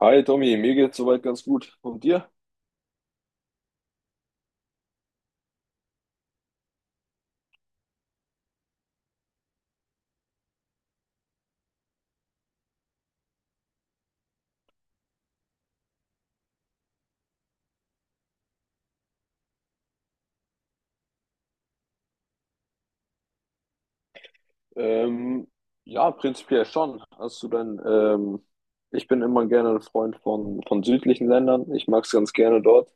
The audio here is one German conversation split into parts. Hi Tommy, mir geht's soweit ganz gut. Und dir? Ähm, ja, prinzipiell schon. Hast du denn, ich bin immer gerne ein Freund von südlichen Ländern. Ich mag's ganz gerne dort.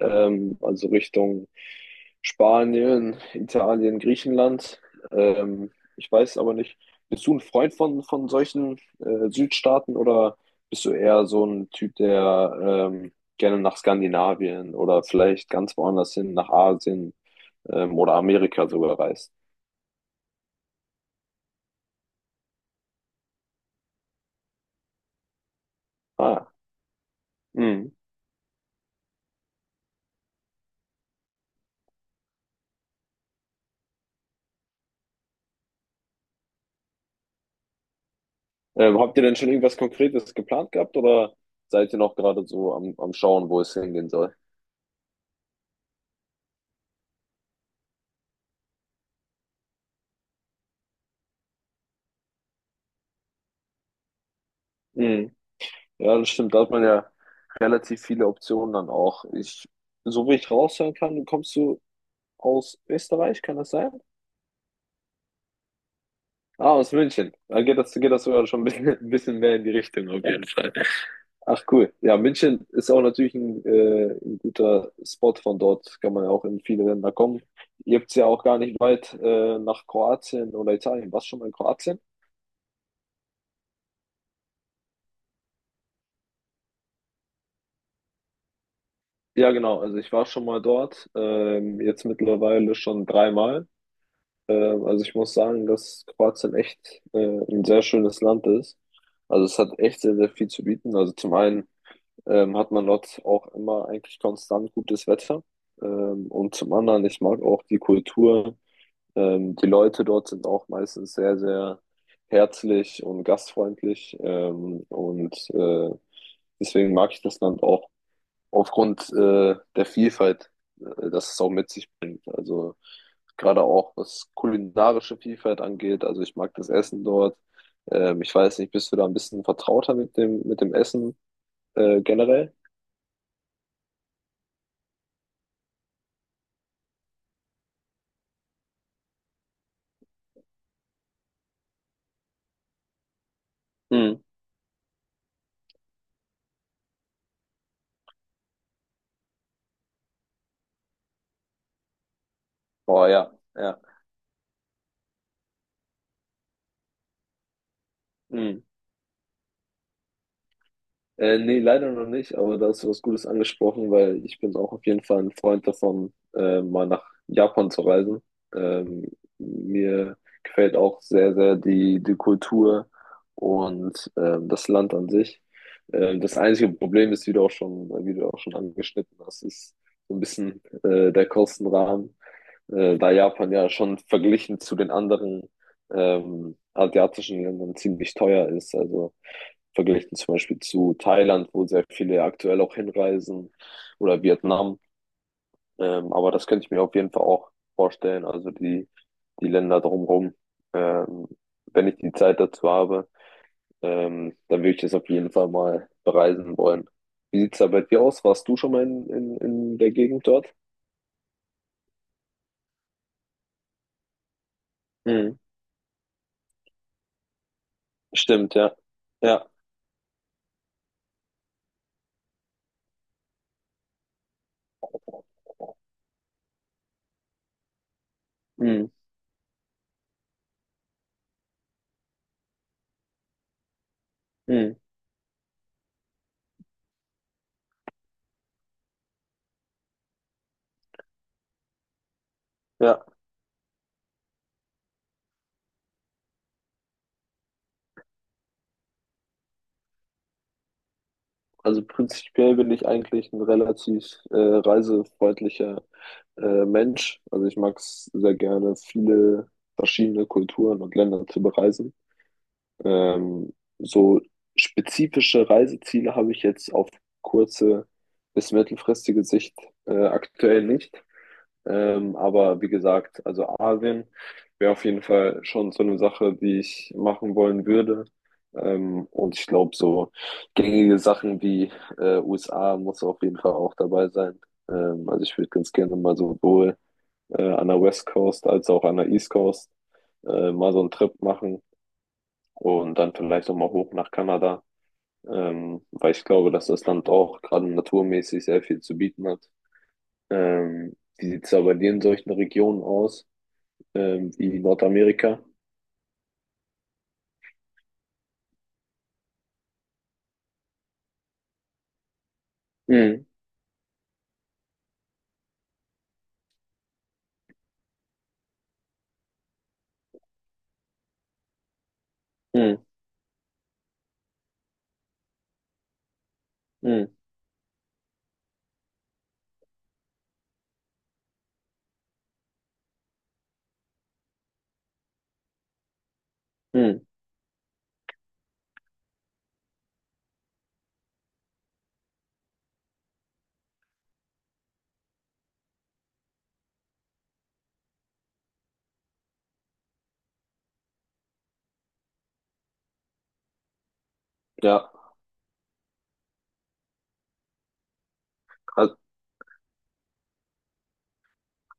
Also Richtung Spanien, Italien, Griechenland. Ähm, ich weiß aber nicht, bist du ein Freund von solchen Südstaaten oder bist du eher so ein Typ, der gerne nach Skandinavien oder vielleicht ganz woanders hin, nach Asien? Oder Amerika sogar reist. Ah, mhm. Habt ihr denn schon irgendwas Konkretes geplant gehabt oder seid ihr noch gerade so am Schauen, wo es hingehen soll? Mhm. Ja, das stimmt. Da hat man ja relativ viele Optionen dann auch. So wie ich raushören kann, kommst du aus Österreich, kann das sein? Ah, aus München. Dann geht das sogar schon ein bisschen, ein bisschen mehr in die Richtung auf jeden Fall. Ach cool. Ja, München ist auch natürlich ein guter Spot von dort. Kann man ja auch in viele Länder kommen. Ihr habt es ja auch gar nicht weit nach Kroatien oder Italien. Warst du schon mal in Kroatien? Ja, genau. Also ich war schon mal dort. Jetzt mittlerweile schon dreimal. Also ich muss sagen, dass Kroatien echt ein sehr schönes Land ist. Also es hat echt sehr, sehr viel zu bieten. Also zum einen hat man dort auch immer eigentlich konstant gutes Wetter. Und zum anderen, ich mag auch die Kultur. Die Leute dort sind auch meistens sehr, sehr herzlich und gastfreundlich. Deswegen mag ich das Land auch aufgrund der Vielfalt, das es auch mit sich bringt. Also gerade auch was kulinarische Vielfalt angeht. Also ich mag das Essen dort. Ich weiß nicht, bist du da ein bisschen vertrauter mit dem Essen generell? Mhm. Oh ja, ja. Mhm. Nee, leider noch nicht, aber da hast du was Gutes angesprochen, weil ich bin auch auf jeden Fall ein Freund davon, mal nach Japan zu reisen. Ähm, mir gefällt auch sehr, sehr die Kultur und das Land an sich. Das einzige Problem ist, wie du auch schon angeschnitten hast, ist so ein bisschen der Kostenrahmen, da Japan ja schon verglichen zu den anderen asiatischen Ländern ziemlich teuer ist. Also verglichen zum Beispiel zu Thailand, wo sehr viele aktuell auch hinreisen oder Vietnam. Aber das könnte ich mir auf jeden Fall auch vorstellen, also die Länder drumherum, ähm, wenn ich die Zeit dazu habe, dann würde ich das auf jeden Fall mal bereisen wollen. Wie sieht es da bei dir aus? Warst du schon mal in der Gegend dort? Mhm. Stimmt, ja. Ja. Mhm. Mhm. Ja. Also prinzipiell bin ich eigentlich ein relativ reisefreundlicher Mensch. Also ich mag es sehr gerne, viele verschiedene Kulturen und Länder zu bereisen. Ähm, so spezifische Reiseziele habe ich jetzt auf kurze bis mittelfristige Sicht aktuell nicht. Aber wie gesagt, also Asien wäre auf jeden Fall schon so eine Sache, die ich machen wollen würde. Und ich glaube, so gängige Sachen wie USA muss auf jeden Fall auch dabei sein. Also ich würde ganz gerne mal sowohl an der West Coast als auch an der East Coast mal so einen Trip machen und dann vielleicht auch mal hoch nach Kanada, weil ich glaube, dass das Land auch gerade naturmäßig sehr viel zu bieten hat. Wie sieht es aber in solchen Regionen aus? Wie Nordamerika. Mhm. Mhm. Mhm. Mhm. Ja, Al-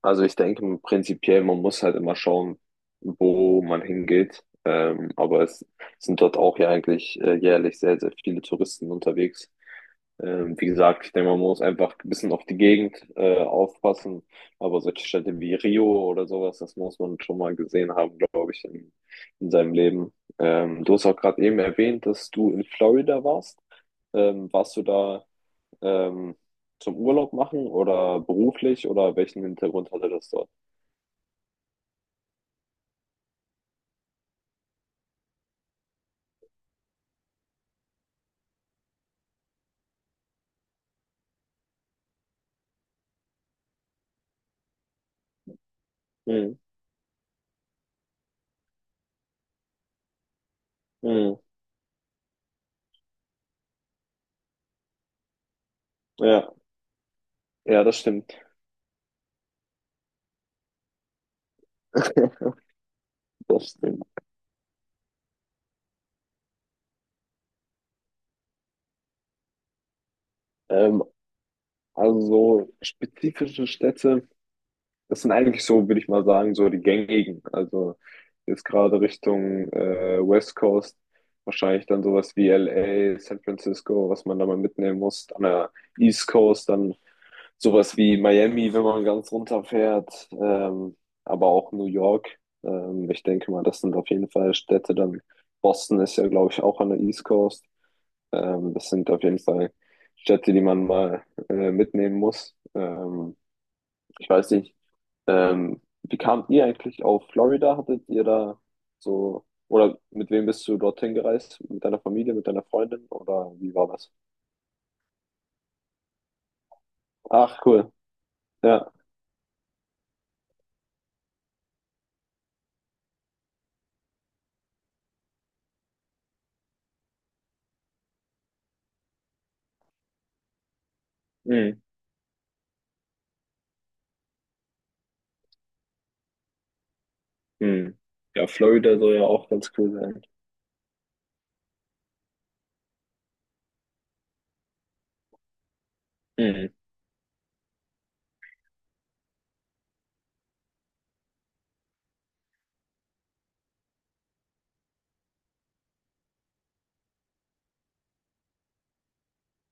also ich denke prinzipiell, man muss halt immer schauen, wo man hingeht. Aber es sind dort auch ja eigentlich jährlich sehr, sehr viele Touristen unterwegs. Wie gesagt, ich denke, man muss einfach ein bisschen auf die Gegend aufpassen. Aber solche Städte wie Rio oder sowas, das muss man schon mal gesehen haben, glaube ich, in seinem Leben. Du hast auch gerade eben erwähnt, dass du in Florida warst. Warst du da? ähm, Zum Urlaub machen oder beruflich oder welchen Hintergrund hatte das dort? Mhm. Mhm. Ja, ja, das stimmt. Das stimmt. Ähm, also so spezifische Städte, das sind eigentlich so, würde ich mal sagen, so die gängigen. Also jetzt gerade Richtung West Coast, wahrscheinlich dann sowas wie LA, San Francisco, was man da mal mitnehmen muss. An der East Coast dann sowas wie Miami, wenn man ganz runterfährt, aber auch New York. Ich denke mal, das sind auf jeden Fall Städte. Dann Boston ist ja, glaube ich, auch an der East Coast. Das sind auf jeden Fall Städte, die man mal mitnehmen muss. Ich weiß nicht, wie kamt ihr eigentlich auf Florida? Hattet ihr da so, oder mit wem bist du dorthin gereist? Mit deiner Familie, mit deiner Freundin oder wie war das? Ach, cool. Ja. Hm. Ja, Florida soll ja auch ganz cool sein. Hm.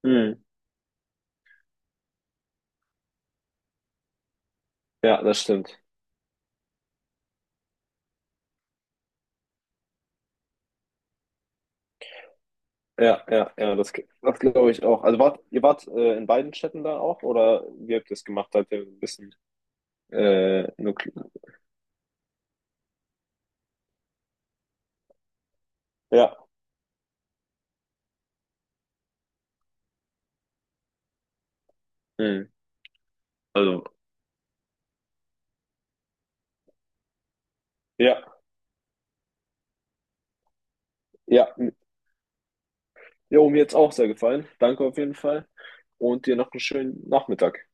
Hm. Ja, das stimmt. Ja, ja, ja, das glaube ich auch. Also ihr wart in beiden Städten da auch oder wie habt ihr das gemacht? Seid ihr ein bisschen nuklear? Ja. Hm. Also. Ja, ja. Jo, mir jetzt auch sehr gefallen. Danke auf jeden Fall. Und dir noch einen schönen Nachmittag.